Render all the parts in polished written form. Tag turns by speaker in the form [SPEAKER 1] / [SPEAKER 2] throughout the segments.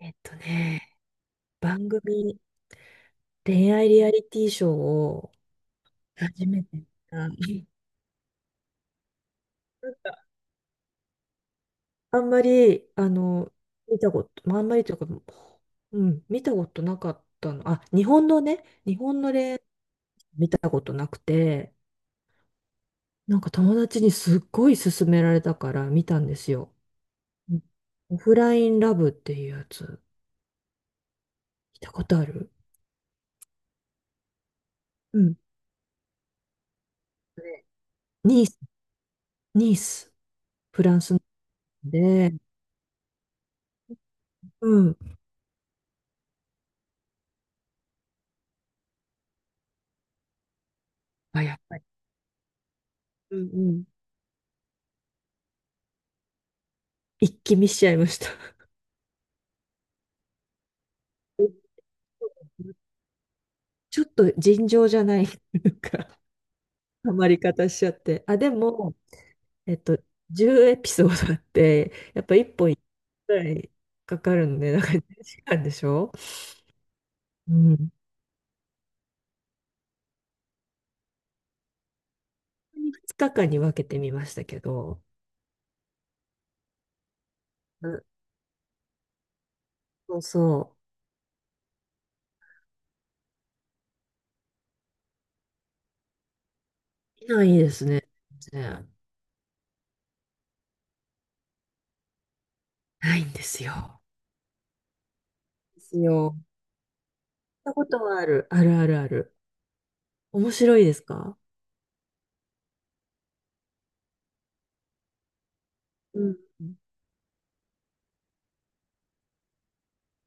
[SPEAKER 1] えっとね、番組、恋愛リアリティショーを初めて見た。かあんまり、見たこと、まああんまりというか、うん、見たことなかったの。あ、日本のね、日本の恋愛見たことなくて、なんか友達にすっごい勧められたから見たんですよ。うん、オフラインラブっていうやつ、見たことある？うん。ニース、ニース、フランスなんで、うん。あ、やっぱり。うんうん。一気見しちゃいました。ちょっと尋常じゃない、なんか、ハマり方しちゃって。あ、でも、えっと、10エピソードあって、やっぱ1本ぐらいかかるので、なんか1時間でしょ？うん。2日間に分けてみましたけど、うん、そうそう。いないですね。全然ないんですよ。ですよ。行ったことはある。あるあるある。面白いですか？うん。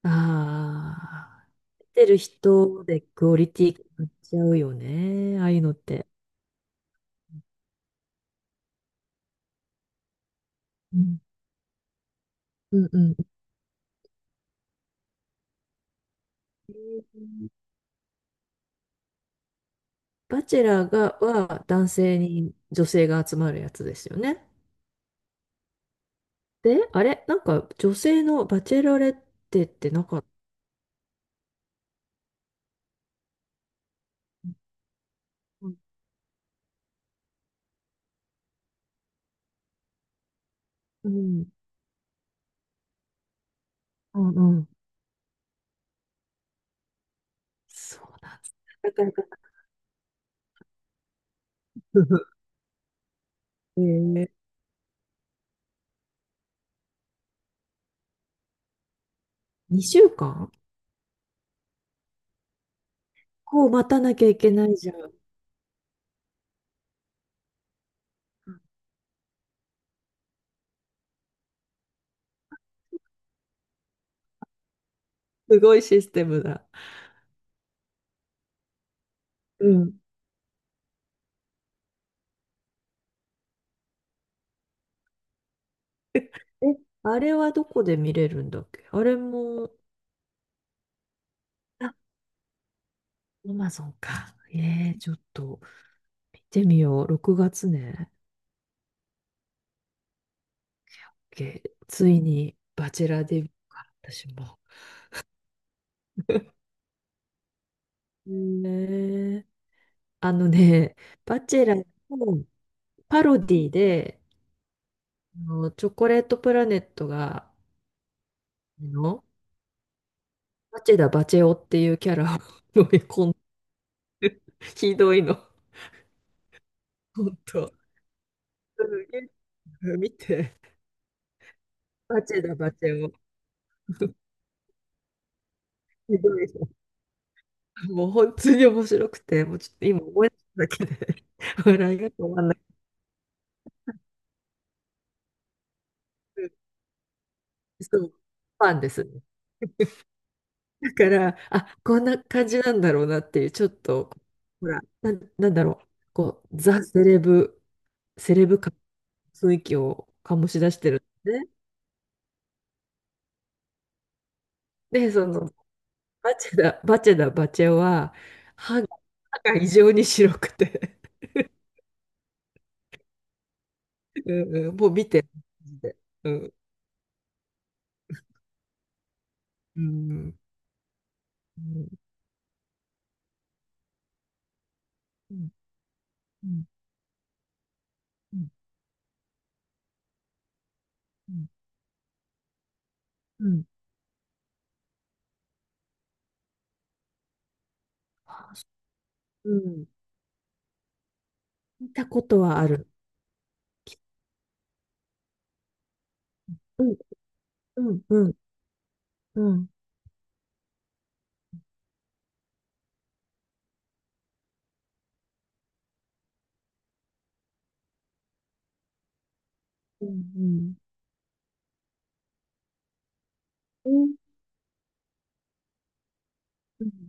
[SPEAKER 1] ああ。てる人でクオリティ変わっちゃうよね。ああいうのって。うん。うんうん。バチェラーが、は男性に女性が集まるやつですよね。で、あれなんか女性のバチェロレッテってなかった？うん。うんうん。そうなんです。だからかな。え、2週間こう待たなきゃいけないじゃん。ん、すごいシステムだ。うん。え、あれはどこで見れるんだっけ、あれも。アマゾンか。えー、ちょっと見てみよう。6月ね。けついにバチェラーデビューか、私も。えー、あのね、バチェラーのパロディで、あのチョコレートプラネットが、あの、バチェダ・バチェ男っていうキャラを 飲み込んでる、ひどいの。本当すげえ見て。バチェダ・バチェ男。ひどい。もう本当に面白くて、もうちょっと今思い出しただけで 笑いが止まんなくて、そう、ファンですね。だから、あ、こんな感じなんだろうなっていう、ちょっと、ほら、なんだろう、こう、ザ・セレブ、セレブ感、雰囲気を醸し出してるんですね。で、その、バチェダ、バチェダ、バチェは、歯が、歯が異常に白くて うんうん、もう見て、マジで。うん、うん、うん、うん、うん、うん、うん。うん、あ、うん。見たことはある。うん、うん、うん、うん、うん、うん、うん、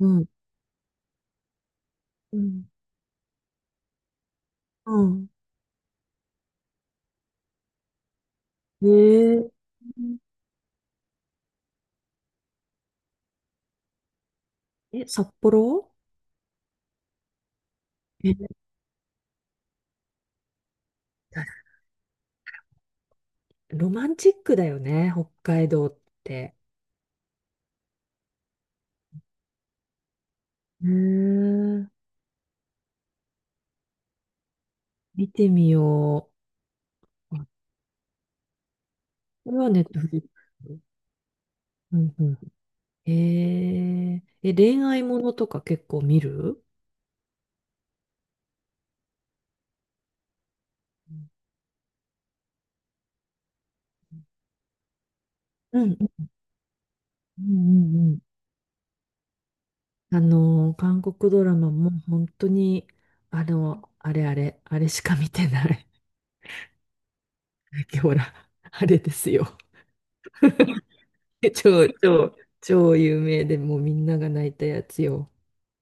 [SPEAKER 1] うん、うん、うん、ねえ、え、札幌？え、ロマンチックだよね、北海道って。へえ、見てみよう。あ、これはネットフリックス。うんうん。ええ、え、恋愛ものとか結構見る？うんうんうんうんうん、あの、韓国ドラマも本当に、あの、あれあれ、あれしか見てない。ほら、あれですよ。超有名で、もうみんなが泣いたやつよ。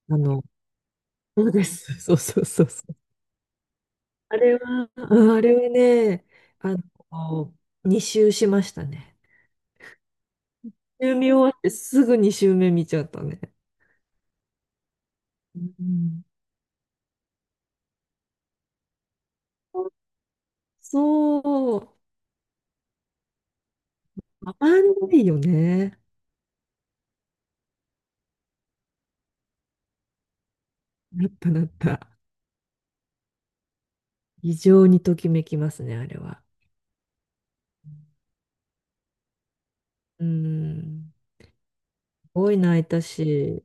[SPEAKER 1] あの、そうです。そうそうそうそう。あれは、うん、あれはね、あの、2周しましたね。2周見終わってすぐ2周目見ちゃったね。うん、そう、たまんないよね。なったなった。非常にときめきますね、あれは。うん。すごい泣いたし、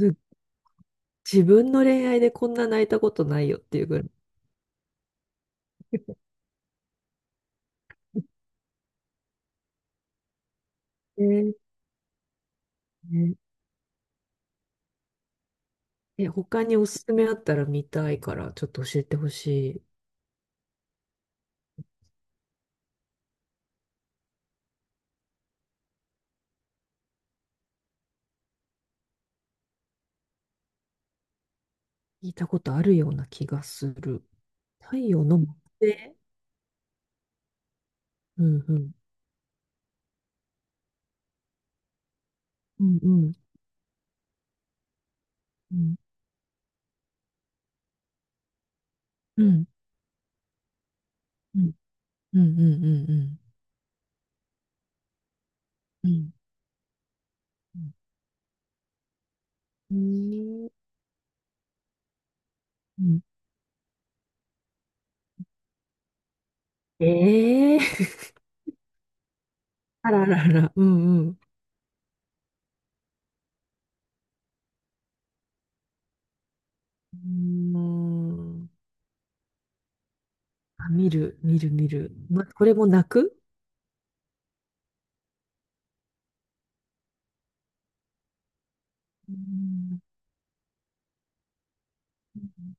[SPEAKER 1] ず自分の恋愛でこんな泣いたことないよっていうぐらい。えー、ねえ、他におすすめあったら見たいから、ちょっと教えてほしい。聞いたことあるような気がする。太陽の惑星？うんうん。うんうんうんうんうんうんうんうんうんうんうん、ええー、あららら、うんうん。うーん、あ、見る、見る、見る。ま、これも泣く？うん、っ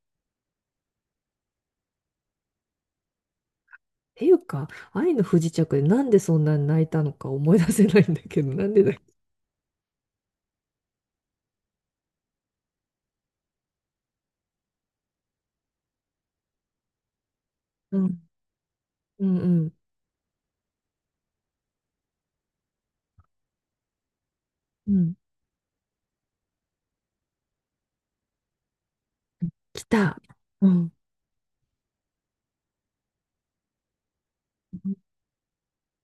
[SPEAKER 1] ていうか、愛の不時着でなんでそんなに泣いたのか思い出せないんだけど、なんでだっけ？うんうんうん。うん、来た。うん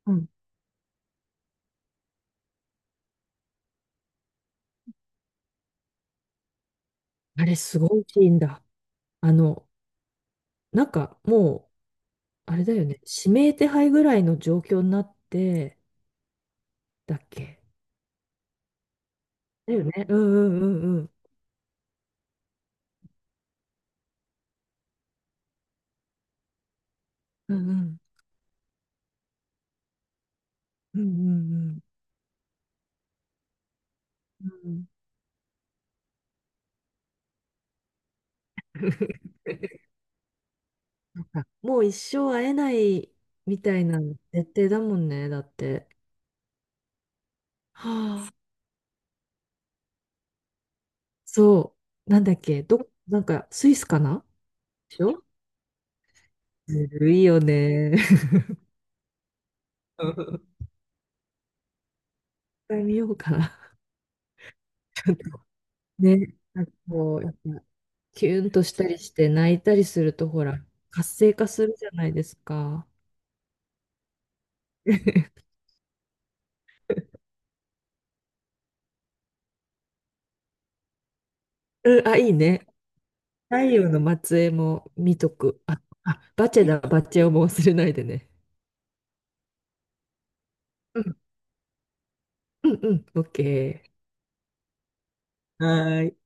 [SPEAKER 1] うん、あれ、すごいシーンだ。あの、もう、あれだよね。指名手配ぐらいの状況になって、だっけ？だよね。うんうんうんうん。うんうんうんうんうん。うん、あもう一生会えないみたいな設定だもんね、だって。はあ、そう、なんだっけ、ど、なんかスイスかな？でしょ？ずるいよね。一回見ようかな。ちょっとね、なんかこう、やっぱキュンとしたりして泣いたりすると、ほら、活性化するじゃないですか。うん、あ、いいね。太陽の末裔も見とく。あ、あ、バチェだ、バチェをも忘れないでね。うん、うん、うん、オッケー。はーい。